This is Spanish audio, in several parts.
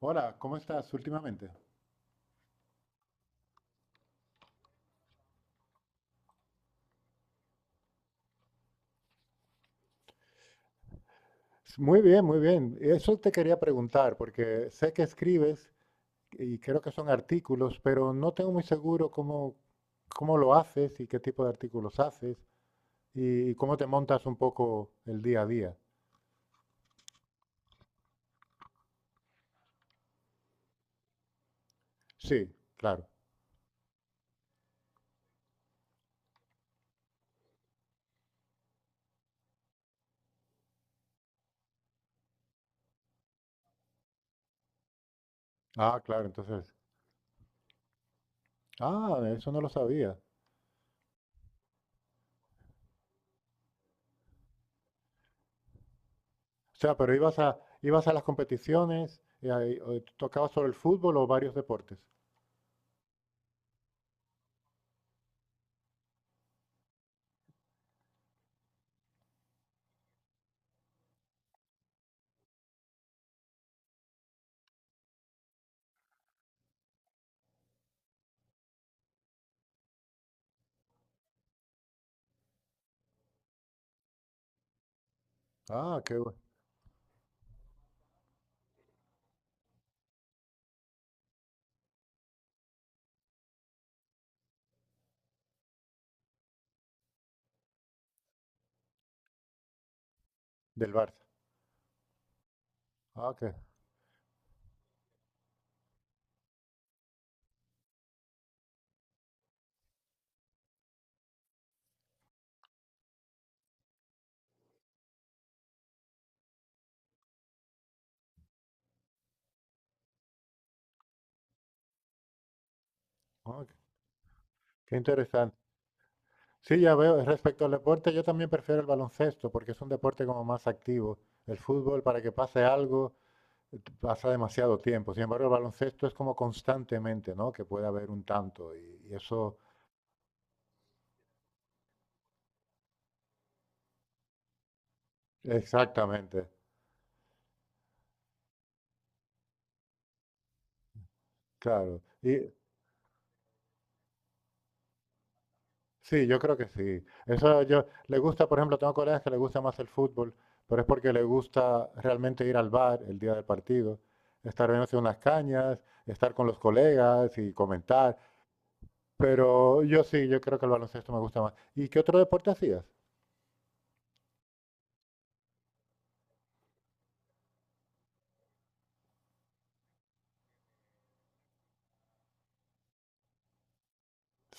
Hola, ¿cómo estás últimamente? Muy bien, muy bien. Eso te quería preguntar, porque sé que escribes y creo que son artículos, pero no tengo muy seguro cómo lo haces y qué tipo de artículos haces y cómo te montas un poco el día a día. Sí, claro. Ah, claro, entonces. Ah, eso no lo sabía. O sea, pero ibas a las competiciones y ahí, o tocabas sobre el fútbol o varios deportes. Ah, qué bueno. Del Barça. Ah, qué, ah, qué qué interesante. Sí, ya veo. Respecto al deporte, yo también prefiero el baloncesto porque es un deporte como más activo. El fútbol, para que pase algo, pasa demasiado tiempo. Sin embargo, el baloncesto es como constantemente, ¿no? Que puede haber un tanto y eso, exactamente, claro. Y sí, yo creo que sí. Eso yo le gusta, por ejemplo, tengo colegas que le gusta más el fútbol, pero es porque le gusta realmente ir al bar el día del partido, estar bebiéndose unas cañas, estar con los colegas y comentar. Pero yo sí, yo creo que el baloncesto me gusta más. ¿Y qué otro deporte hacías?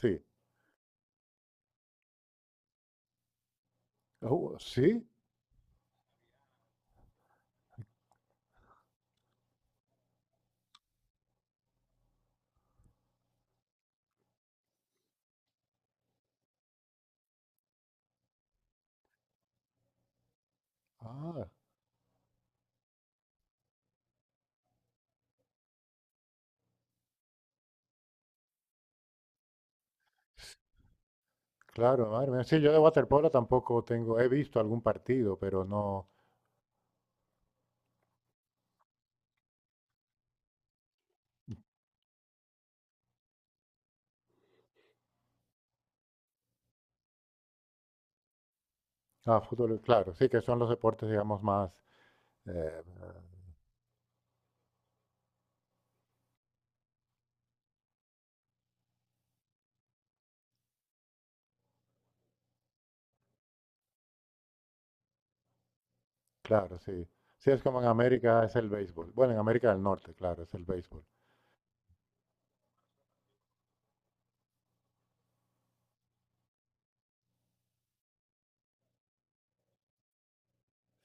Sí. ¿Sí? Ah, s- claro, madre mía. Sí, yo de waterpolo tampoco tengo, he visto algún partido, pero no. Ah, fútbol, claro, sí, que son los deportes, digamos, más. eh, claro, sí. Sí, es como en América es el béisbol. Bueno, en América del Norte, claro, es el béisbol.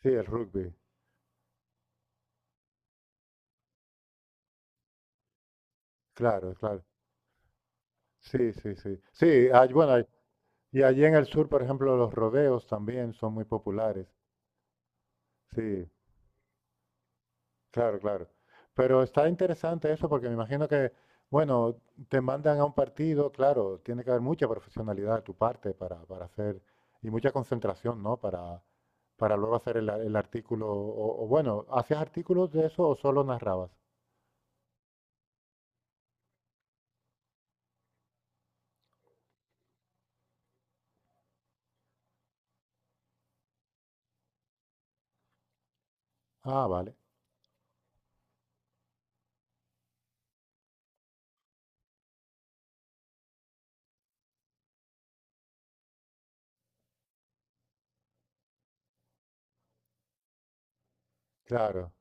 Sí, el rugby. Claro, claro. Sí, sí, sí. Sí, ah, bueno, y allí en el sur, por ejemplo, los rodeos también son muy populares. Sí. Claro, claro. Pero está interesante eso porque me imagino que, bueno, te mandan a un partido, claro, tiene que haber mucha profesionalidad de tu parte para hacer y mucha concentración, ¿no? Para luego hacer el artículo. O bueno, ¿hacías artículos de eso o solo narrabas? Ah, vale, claro.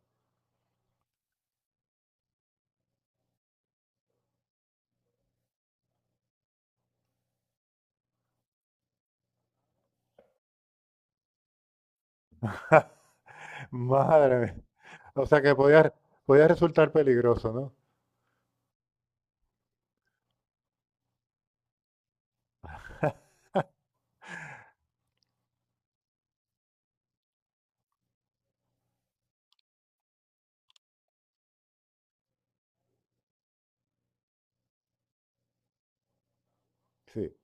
Madre mía. O sea que podía resultar peligroso, ¿no? Sí.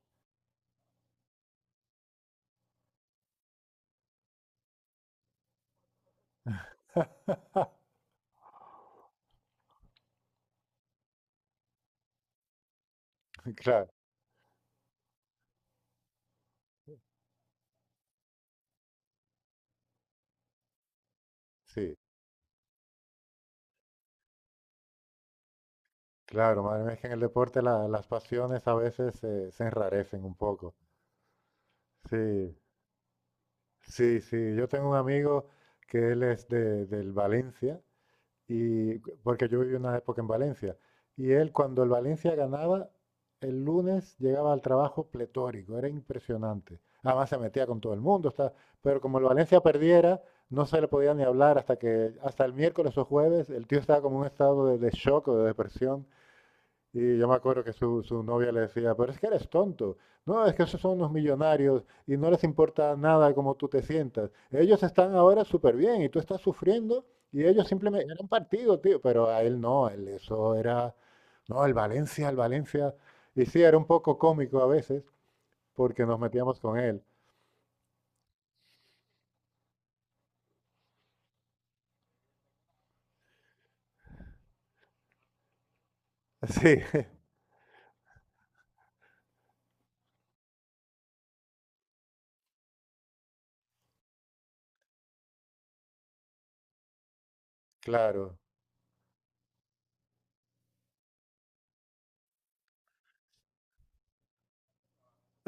Claro, sí, claro, madre mía, es que en el deporte las pasiones a veces se enrarecen un poco. Sí, sí, sí. Yo tengo un amigo que él es de, del Valencia, y, porque yo viví una época en Valencia. Y él, cuando el Valencia ganaba, el lunes llegaba al trabajo pletórico, era impresionante. Además se metía con todo el mundo, está- pero como el Valencia perdiera, no se le podía ni hablar hasta el miércoles o jueves, el tío estaba como en un estado de shock o de depresión. Y yo me acuerdo que su novia le decía, pero es que eres tonto. No, es que esos son unos millonarios y no les importa nada cómo tú te sientas. Ellos están ahora súper bien y tú estás sufriendo y ellos simplemente eran partido, tío. Pero a él no, él eso era, no, el Valencia, el Valencia. Y sí, era un poco cómico a veces porque nos metíamos con él. Sí, claro.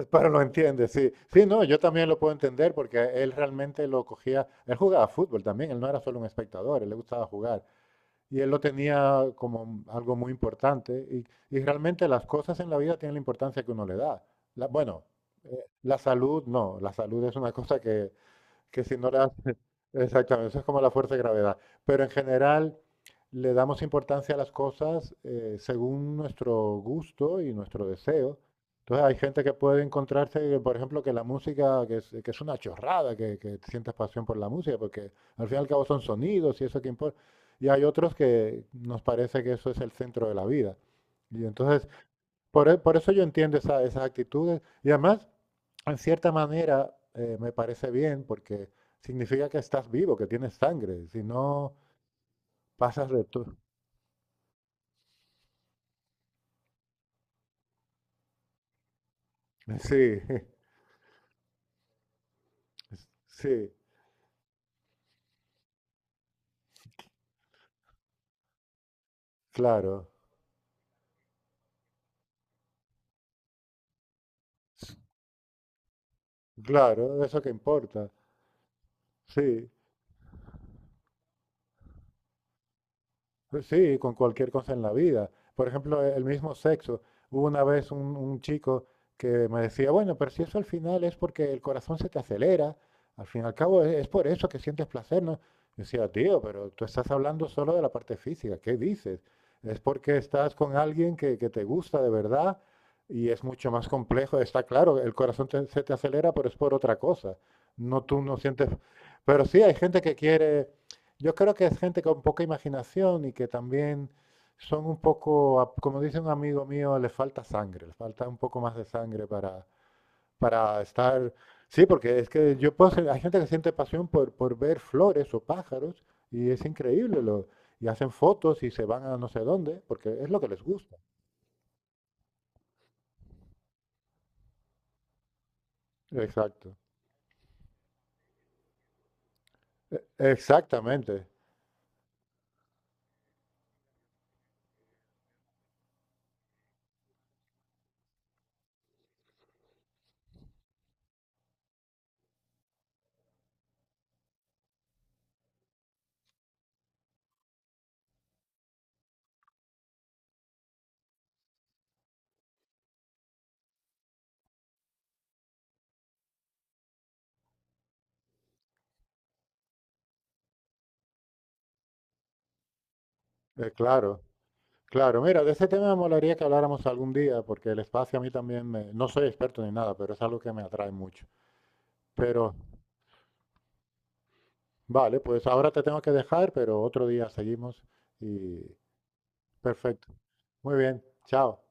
Pero lo entiende, sí. Sí, no, yo también lo puedo entender porque él realmente lo cogía, él jugaba fútbol también, él no era solo un espectador, él le gustaba jugar. Y él lo tenía como algo muy importante. Y realmente las cosas en la vida tienen la importancia que uno le da. La- bueno, eh, la salud no, la salud es una cosa que si no le das- Exactamente, eso es como la fuerza de gravedad. Pero en general le damos importancia a las cosas según nuestro gusto y nuestro deseo. Entonces hay gente que puede encontrarse, que, por ejemplo, que la música, que es una chorrada, que sientas pasión por la música, porque al fin y al cabo son sonidos y eso que importa. Y hay otros que nos parece que eso es el centro de la vida. Y entonces, por eso yo entiendo esas actitudes. Y además, en cierta manera, me parece bien porque significa que estás vivo, que tienes sangre. Si no, pasas de todo. Sí, sí, claro, claro, eso que importa. Sí, pues sí, con cualquier cosa en la vida. Por ejemplo, el mismo sexo. Hubo una vez un chico que me decía, bueno, pero si eso al final es porque el corazón se te acelera, al fin y al cabo es por eso que sientes placer, ¿no? Yo decía, tío, pero tú estás hablando solo de la parte física, ¿qué dices? Es porque estás con alguien que te gusta de verdad y es mucho más complejo. Está claro, el corazón se te acelera, pero es por otra cosa. No, tú no sientes... Pero sí, hay gente que quiere yo creo que es gente con poca imaginación y que también son un poco, como dice un amigo mío, les falta sangre, les falta un poco más de sangre para estar... Sí, porque es que yo hay gente que siente pasión por ver flores o pájaros y es increíble. Y hacen fotos y se van a no sé dónde porque es lo que les gusta. Exacto. Exactamente. Claro. Claro, mira, de ese tema me molaría que habláramos algún día, porque el espacio a mí también no soy experto ni nada, pero es algo que me atrae mucho. Pero vale, pues ahora te tengo que dejar, pero otro día seguimos y perfecto. Muy bien, chao.